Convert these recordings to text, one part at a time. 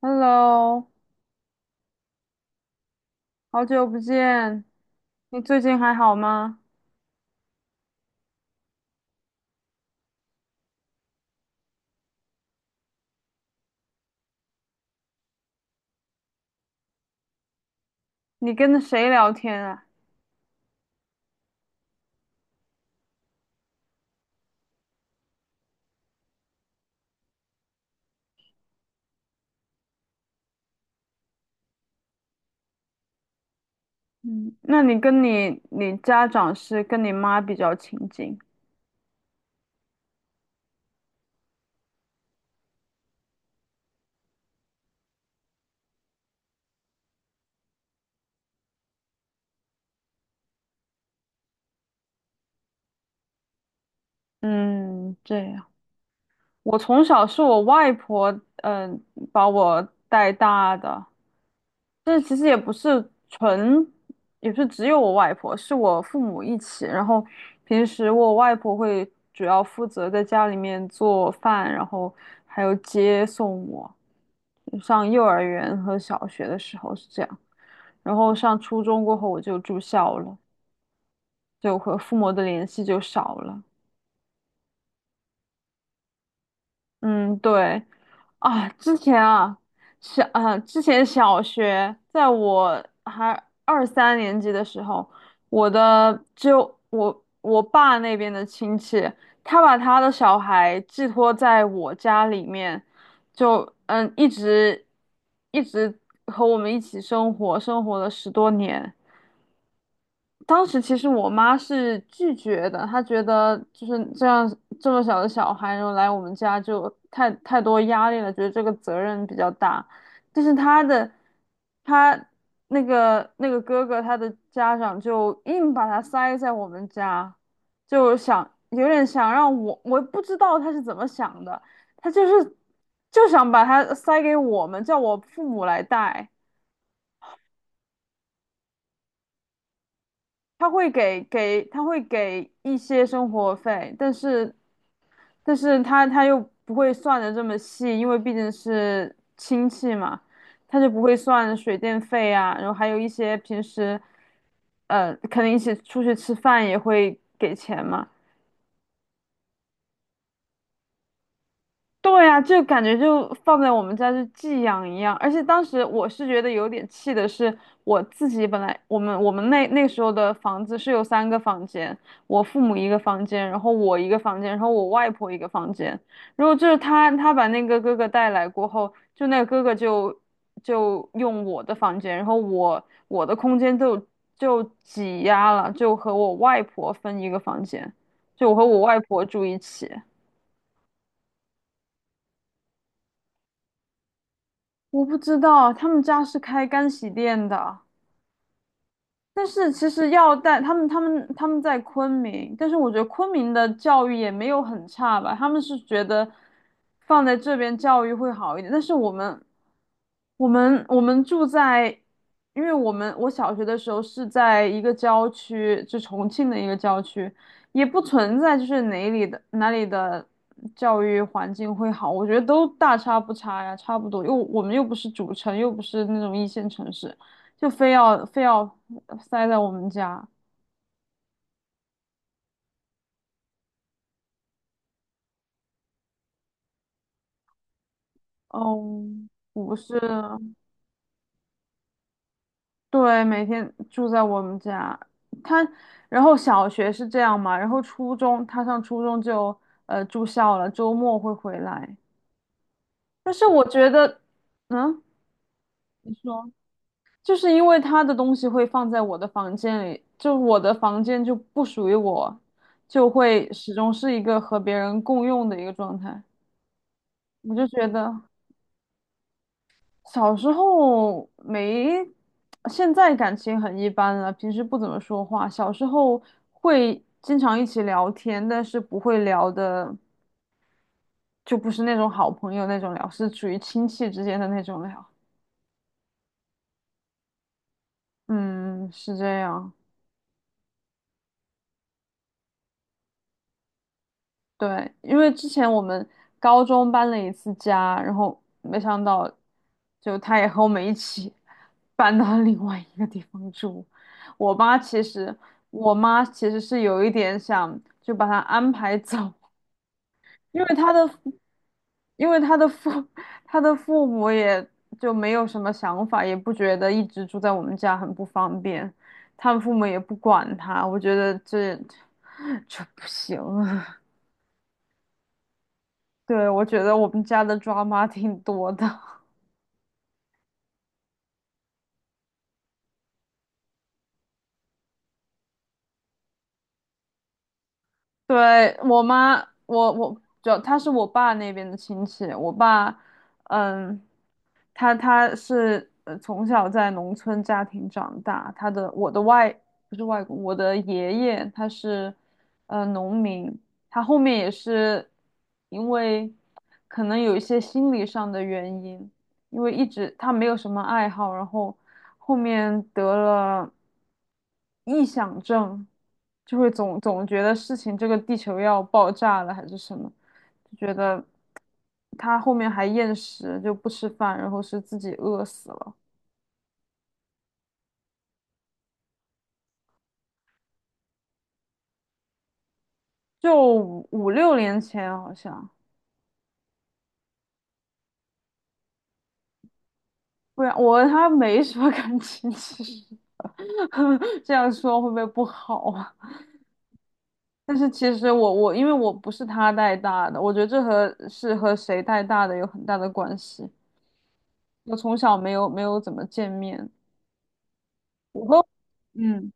Hello，好久不见，你最近还好吗？你跟谁聊天啊？嗯，那你跟你家长是跟你妈比较亲近？嗯，这样。我从小是我外婆，把我带大的。这其实也不是纯，也不是只有我外婆，是我父母一起。然后平时我外婆会主要负责在家里面做饭，然后还有接送我。上幼儿园和小学的时候是这样，然后上初中过后我就住校了，就和父母的联系就少了。嗯，对，啊，之前啊，之前小学，在我还二三年级的时候，我的就我爸那边的亲戚，他把他的小孩寄托在我家里面，就一直和我们一起生活了10多年。当时其实我妈是拒绝的，她觉得就是这样这么小的小孩，然后来我们家就太多压力了，觉得这个责任比较大。但是她那个哥哥，他的家长就硬把他塞在我们家，就想有点想让我，我不知道他是怎么想的，他就是就想把他塞给我们，叫我父母来带。他会给一些生活费，但是他又不会算的这么细，因为毕竟是亲戚嘛，他就不会算水电费啊，然后还有一些平时可能一起出去吃饭也会给钱嘛，对啊，就感觉就放在我们家就寄养一样，而且当时我是觉得有点气的是，我自己本来我们那时候的房子是有三个房间，我父母一个房间，然后我一个房间，然后我外婆一个房间。然后就是他把那个哥哥带来过后，就那个哥哥就用我的房间，然后我的空间就挤压了，就和我外婆分一个房间，就我和我外婆住一起。我不知道，他们家是开干洗店的。但是其实要带他们，他们在昆明，但是我觉得昆明的教育也没有很差吧，他们是觉得放在这边教育会好一点，但是我们住在，因为我小学的时候是在一个郊区，就重庆的一个郊区，也不存在就是哪里的教育环境会好，我觉得都大差不差呀，差不多，又我们又不是主城，又不是那种一线城市，就非要非要。塞在我们家。哦，不是，对，每天住在我们家。他，然后小学是这样嘛，然后他上初中就住校了，周末会回来。但是我觉得，嗯，你说，就是因为他的东西会放在我的房间里，就我的房间就不属于我，就会始终是一个和别人共用的一个状态。我就觉得。小时候没，现在感情很一般了，平时不怎么说话。小时候会经常一起聊天，但是不会聊的，就不是那种好朋友那种聊，是属于亲戚之间的那种聊。嗯，是这样。对，因为之前我们高中搬了一次家，然后没想到，就他也和我们一起 搬到另外一个地方住。我妈其实，我妈其实是有一点想就把他安排走，因为他的，因为他的父，他的父母也就没有什么想法，也不觉得一直住在我们家很不方便，他们父母也不管他，我觉得这 这不行。对，我觉得我们家的抓马挺多的。对，我妈，我我主要她是我爸那边的亲戚，我爸，嗯，他是从小在农村家庭长大，他的我的外不是外公，我的爷爷他是农民，他后面也是因为可能有一些心理上的原因，因为一直他没有什么爱好，然后后面得了臆想症，就会总觉得事情这个地球要爆炸了还是什么。就觉得他后面还厌食，就不吃饭，然后是自己饿死了，就六年前好像。不然我和他没什么 感情，其实 这样说会不会不好啊？但是其实我我因为我不是他带大的，我觉得这和是和谁带大的有很大的关系。我从小没有怎么见面，我和嗯，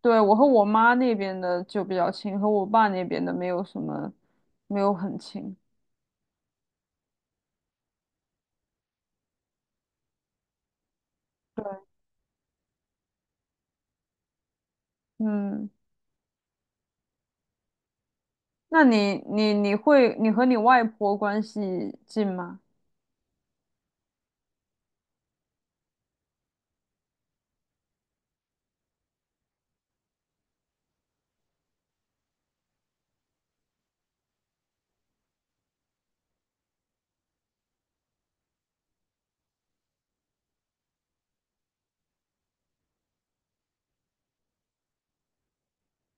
对，我和我妈那边的就比较亲，和我爸那边的没有什么，没有很亲。嗯，那你和你外婆关系近吗？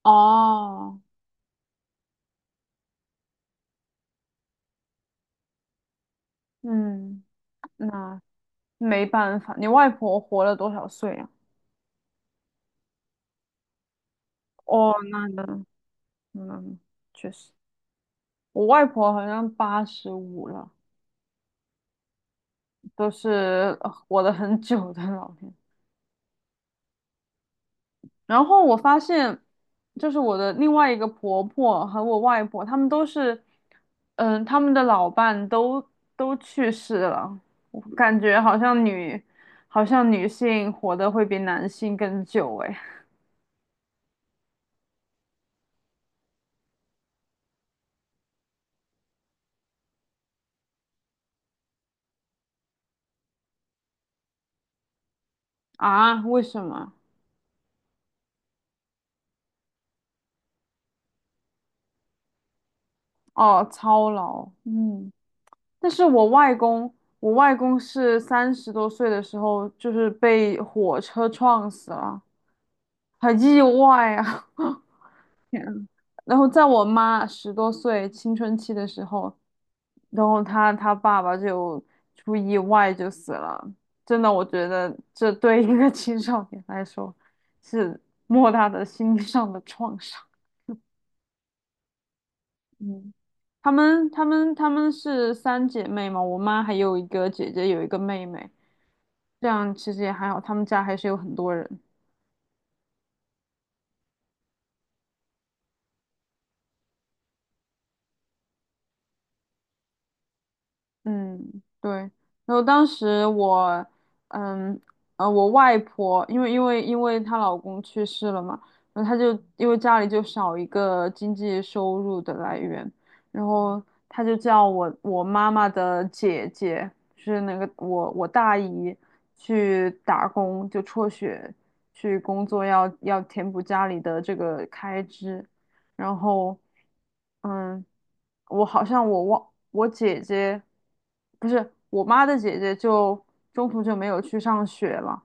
哦，嗯，那没办法，你外婆活了多少岁啊？哦，那嗯，确实，我外婆好像85了，都是活得很久的老人。然后我发现，就是我的另外一个婆婆和我外婆，她们都是，嗯，她们的老伴都去世了。我感觉好像女性活得会比男性更久诶。啊，为什么？哦，操劳。嗯，但是我外公是30多岁的时候，就是被火车撞死了，很意外啊。然后在我妈10多岁青春期的时候，然后她爸爸就出意外就死了。真的，我觉得这对一个 青少年来说是莫大的心理上的创伤。嗯，她们是三姐妹嘛，我妈还有一个姐姐，有一个妹妹，这样其实也还好，她们家还是有很多人。嗯，对。然后当时我，嗯，呃，我外婆，因为她老公去世了嘛，然后她就因为家里就少一个经济收入的来源，然后她就叫我妈妈的姐姐，就是那个我大姨去打工，就辍学去工作要填补家里的这个开支。然后，嗯，我好像我忘我姐姐，不是我妈的姐姐就，中途就没有去上学了。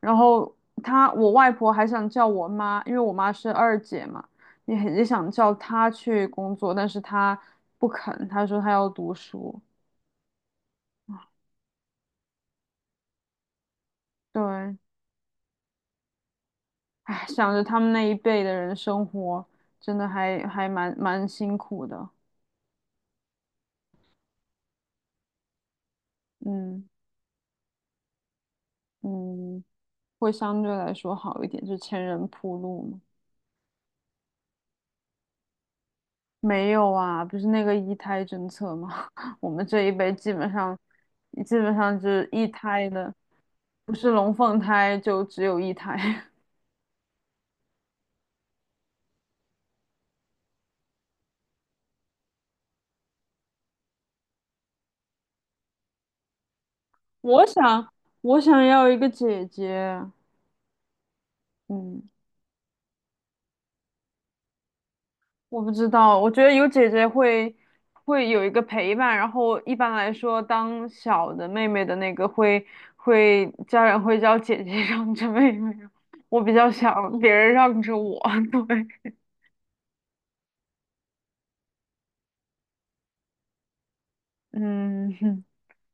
然后我外婆还想叫我妈，因为我妈是二姐嘛，也想叫她去工作，但是她不肯，她说她要读书。对，唉，想着他们那一辈的人生活，真的还蛮辛苦的。嗯嗯。会相对来说好一点，就前人铺路嘛。没有啊，不是那个一胎政策吗？我们这一辈基本上，就是一胎的，不是龙凤胎就只有一胎。我想，我想要一个姐姐，嗯，我不知道，我觉得有姐姐会有一个陪伴，然后一般来说，当小的妹妹的那个家人会叫姐姐 让着妹妹，我比较想别人让着我，对，嗯，哼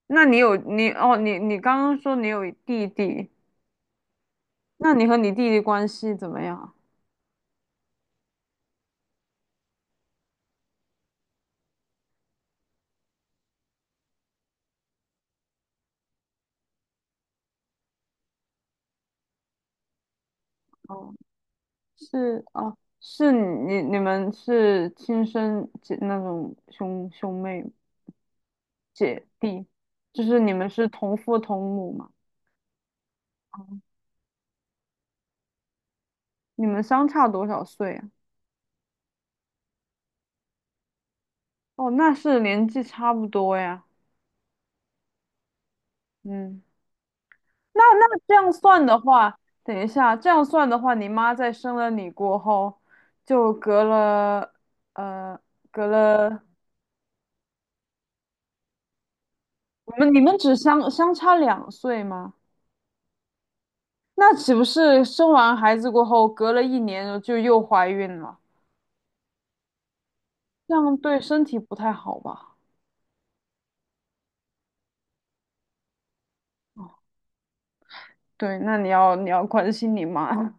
那你有你哦，你刚刚说你有弟弟，那你和你弟弟关系怎么样？哦，是哦，你们是亲生姐那种兄妹吗？姐弟，就是你们是同父同母嘛？哦，你们相差多少岁啊？哦，那是年纪差不多呀。嗯，那这样算的话，等一下，这样算的话，你妈在生了你过后，就呃，隔了，你们只相差2岁吗？那岂不是生完孩子过后，隔了一年就又怀孕了？这样对身体不太好吧？哦，对，那你要关心你妈。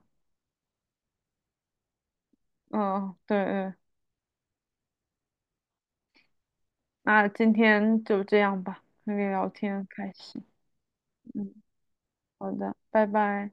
嗯，对对，那今天就这样吧，那个聊天很开心。嗯，好的，拜拜。